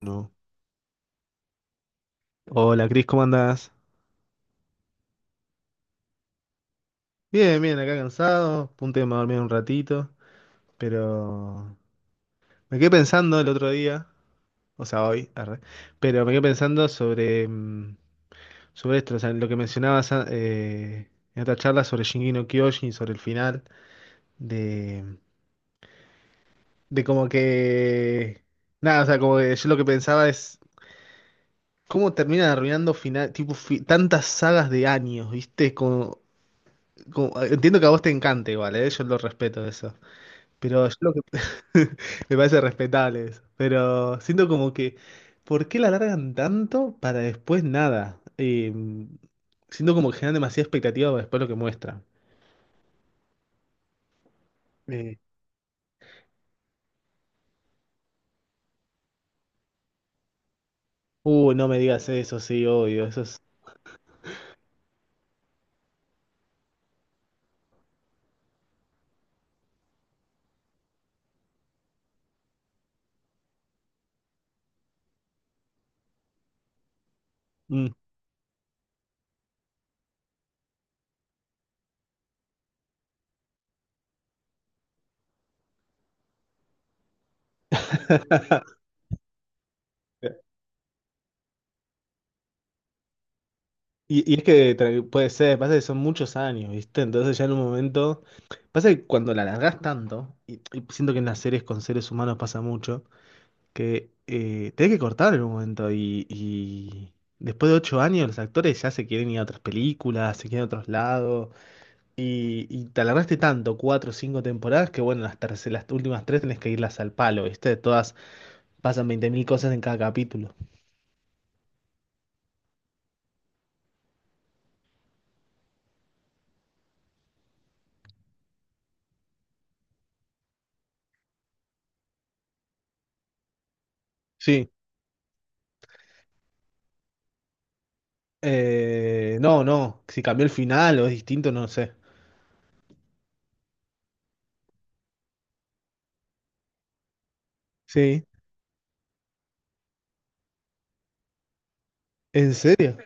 No. Hola, Cris, ¿cómo andás? Bien, bien, acá cansado, a punto de dormir un ratito, pero me quedé pensando el otro día, o sea, hoy, arre, pero me quedé pensando sobre esto, o sea, lo que mencionabas en otra charla sobre Shingeki no Kyojin, sobre el final, de, de como que, nada, o sea, como que yo lo que pensaba es, ¿cómo terminan arruinando final, tipo, tantas sagas de años, viste? Como, entiendo que a vos te encanta igual, ¿eh? Yo lo respeto eso. Pero yo lo que... Me parece respetable eso. Pero siento como que, ¿por qué la alargan tanto para después nada? Siento como que generan demasiada expectativa para después lo que muestran. Eh, no me digas eso, sí, obvio, eso es... Mm. Y es que puede ser, pasa que son muchos años, ¿viste? Entonces ya en un momento... Pasa que cuando la alargás tanto, y siento que en las series con seres humanos pasa mucho, que tenés que cortar en un momento y después de 8 años los actores ya se quieren ir a otras películas, se quieren a otros lados y te alargaste tanto, cuatro o cinco temporadas, que bueno, las últimas tres tenés que irlas al palo, ¿viste? Todas pasan 20.000 cosas en cada capítulo. Sí. No, no, si cambió el final o es distinto, no sé. Sí, ¿en serio?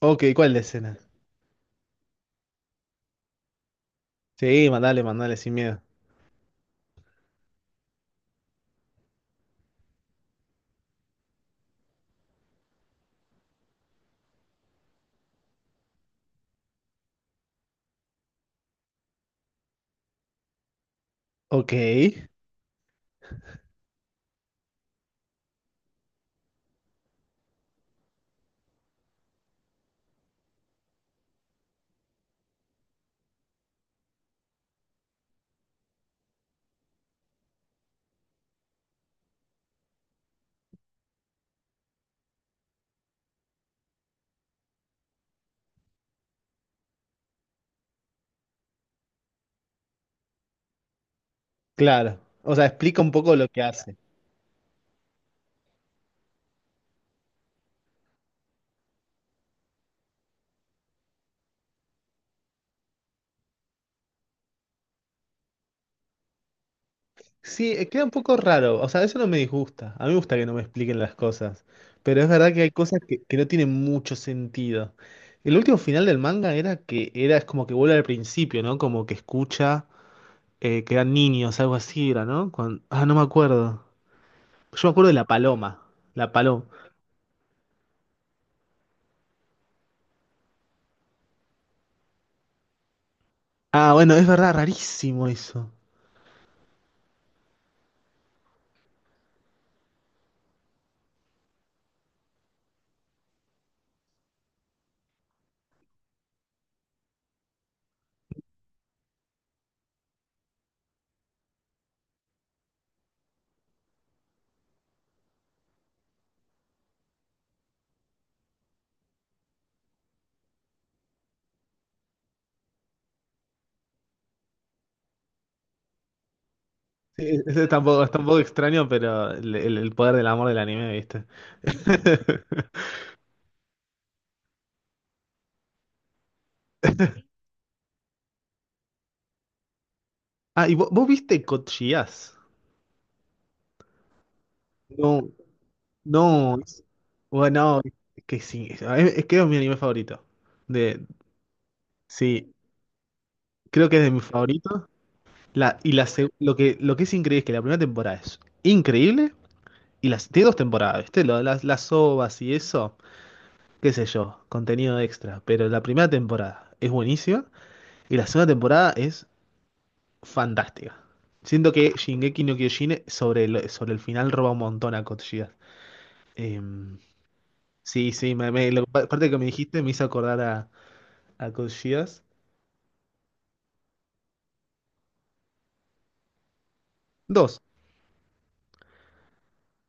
Ok, ¿cuál es la escena? Sí, mandale, mandale sin miedo. Ok, claro. O sea, explica un poco lo que hace. Sí, queda un poco raro. O sea, eso no me disgusta. A mí me gusta que no me expliquen las cosas. Pero es verdad que hay cosas que no tienen mucho sentido. El último final del manga era que era es como que vuelve al principio, ¿no? Como que escucha que eran niños, algo así era, ¿no? Ah, no me acuerdo. Yo me acuerdo de la paloma. La paloma. Ah, bueno, es verdad, rarísimo eso. Sí, eso es tampoco extraño, pero el poder del amor del anime, ¿viste? Ah, ¿y vos, vos viste Code Geass? No. No, es- bueno, es que sí, es que es mi anime favorito. De, sí, creo que es de mis favoritos. La, y la, seg- lo que es increíble es que la primera temporada es increíble y las tiene dos temporadas, ¿viste? Las OVAs y eso, qué sé yo, contenido extra. Pero la primera temporada es buenísima y la segunda temporada es fantástica. Siento que Shingeki no Kyojin sobre el final roba un montón a Code Geass. Em, sí, sí, me, aparte que me dijiste me hizo acordar A Dos.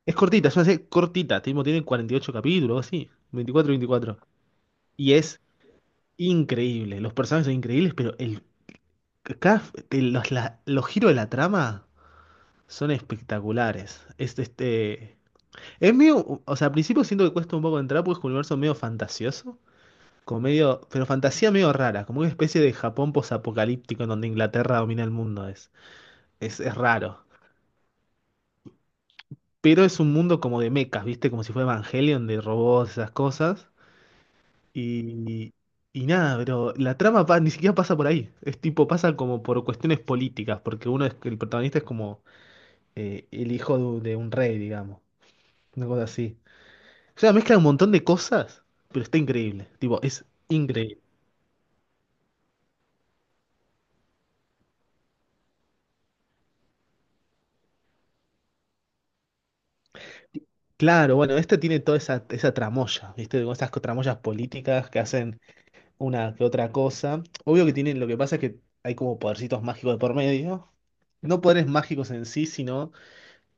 Es cortita, es una serie cortita. Tipo, tiene 48 capítulos, o así. 24, 24. Y es increíble. Los personajes son increíbles, pero el, cada- el- los, la- los giros de la trama son espectaculares. Es medio. O sea, al principio siento que cuesta un poco entrar porque es un universo medio fantasioso. Como medio, pero fantasía medio rara, como una especie de Japón posapocalíptico en donde Inglaterra domina el mundo. Es raro. Pero es un mundo como de mechas, ¿viste? Como si fuera Evangelion de robots, esas cosas. Y, y nada, pero la trama ni siquiera pasa por ahí. Es tipo, pasa como por cuestiones políticas, porque el protagonista es como el hijo de un rey, digamos. Una cosa así. O sea, mezcla un montón de cosas, pero está increíble. Tipo, es increíble. Claro, bueno, este tiene toda esa tramoya, ¿viste? Como tramoyas políticas que hacen una que otra cosa. Obvio que tienen, lo que pasa es que hay como podercitos mágicos de por medio. No poderes mágicos en sí, sino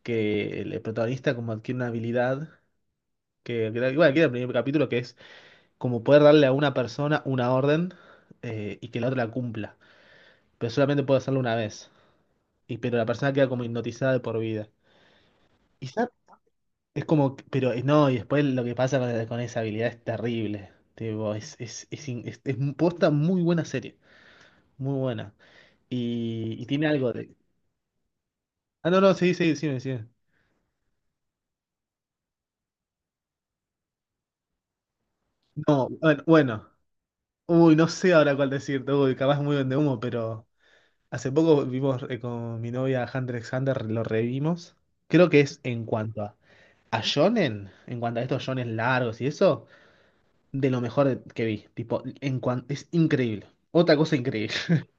que el protagonista como adquiere una habilidad igual que era el primer capítulo, que es como poder darle a una persona una orden y que la otra la cumpla. Pero solamente puede hacerlo una vez. Y pero la persona queda como hipnotizada de por vida. Y ya es como, no, y después lo que pasa con esa habilidad es terrible. Tipo, es posta muy buena serie. Muy buena. Y tiene algo de. Ah, no, no, sí, sí, sí, sí. No, bueno, bueno. Uy, no sé ahora cuál decirte. Uy, capaz muy de humo, pero hace poco vimos con mi novia Hunter x Hunter, lo revimos. Creo que es en cuanto a shonen, en cuanto a estos shonen largos y eso, de lo mejor que vi. Tipo, es increíble. Otra cosa increíble.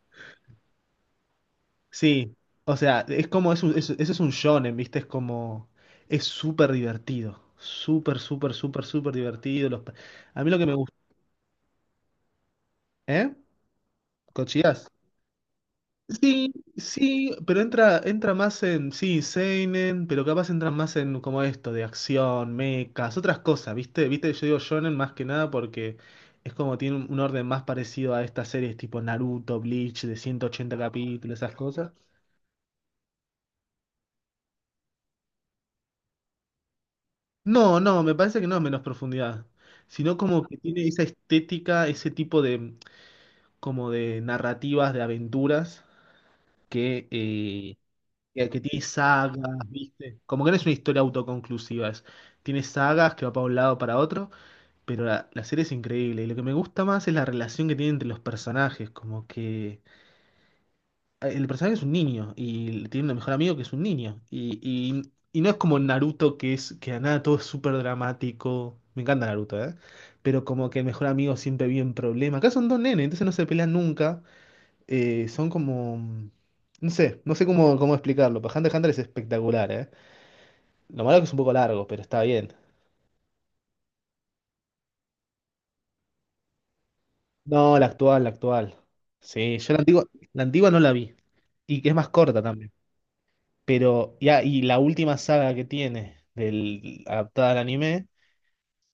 Sí, o sea, es como, eso es un shonen, ¿viste? Es como, es súper divertido. Súper, súper, súper, súper divertido. Los, a mí lo que me ¿Eh? ¿Cochías? Sí, sí, pero entra más en, sí, seinen, pero capaz entra más en como esto, de acción, mechas, otras cosas, ¿viste? ¿Viste? Yo digo shonen más que nada porque es como tiene un orden más parecido a estas series tipo Naruto, Bleach, de 180 capítulos, esas cosas. No, no, me parece que no es menos profundidad, sino como que tiene esa estética, ese tipo de, como de narrativas, de aventuras que... que tiene sagas, ¿viste? Como que no es una historia autoconclusiva, tiene sagas que va para un lado para otro, pero la serie es increíble. Y lo que me gusta más es la relación que tiene entre los personajes, como que el personaje es un niño y tiene un mejor amigo que es un niño. Y no es como Naruto, que es que a nada todo es súper dramático. Me encanta Naruto, ¿eh? Pero como que el mejor amigo siempre vive en problemas. Acá son dos nenes, entonces no se pelean nunca. Son como... No sé cómo explicarlo. Pero Hunter x Hunter es espectacular, ¿eh? Lo malo es que es un poco largo, pero está bien. No, la actual, la actual. Sí, yo la antigua no la vi. Y que es más corta también. Pero, ya, y la última saga que tiene, del, adaptada al anime,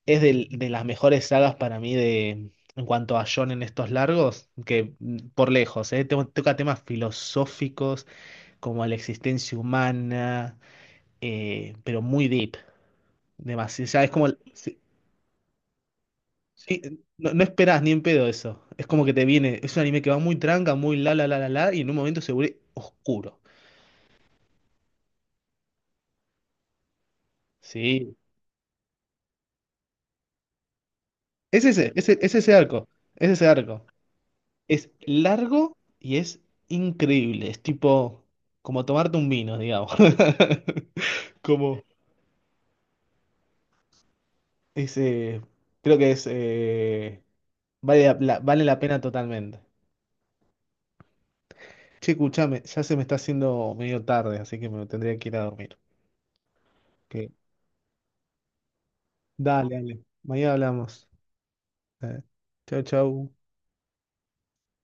es de las mejores sagas para mí de, en cuanto a shonen estos largos, que por lejos, toca temas filosóficos como la existencia humana, pero muy deep. Demasiado, es como, Sí, no, no esperás ni en pedo eso. Es como que te viene, es un anime que va muy tranca, muy la la la la la, y en un momento se vuelve oscuro. Sí. Es ese, es ese arco. Es ese arco. Es largo y es increíble. Es tipo como tomarte un vino, digamos. Como ese. Creo que es. Vale la pena totalmente. Che, escuchame, ya se me está haciendo medio tarde, así que me tendría que ir a dormir. Ok. Dale, dale. Mañana hablamos. Eh, Chao, chao.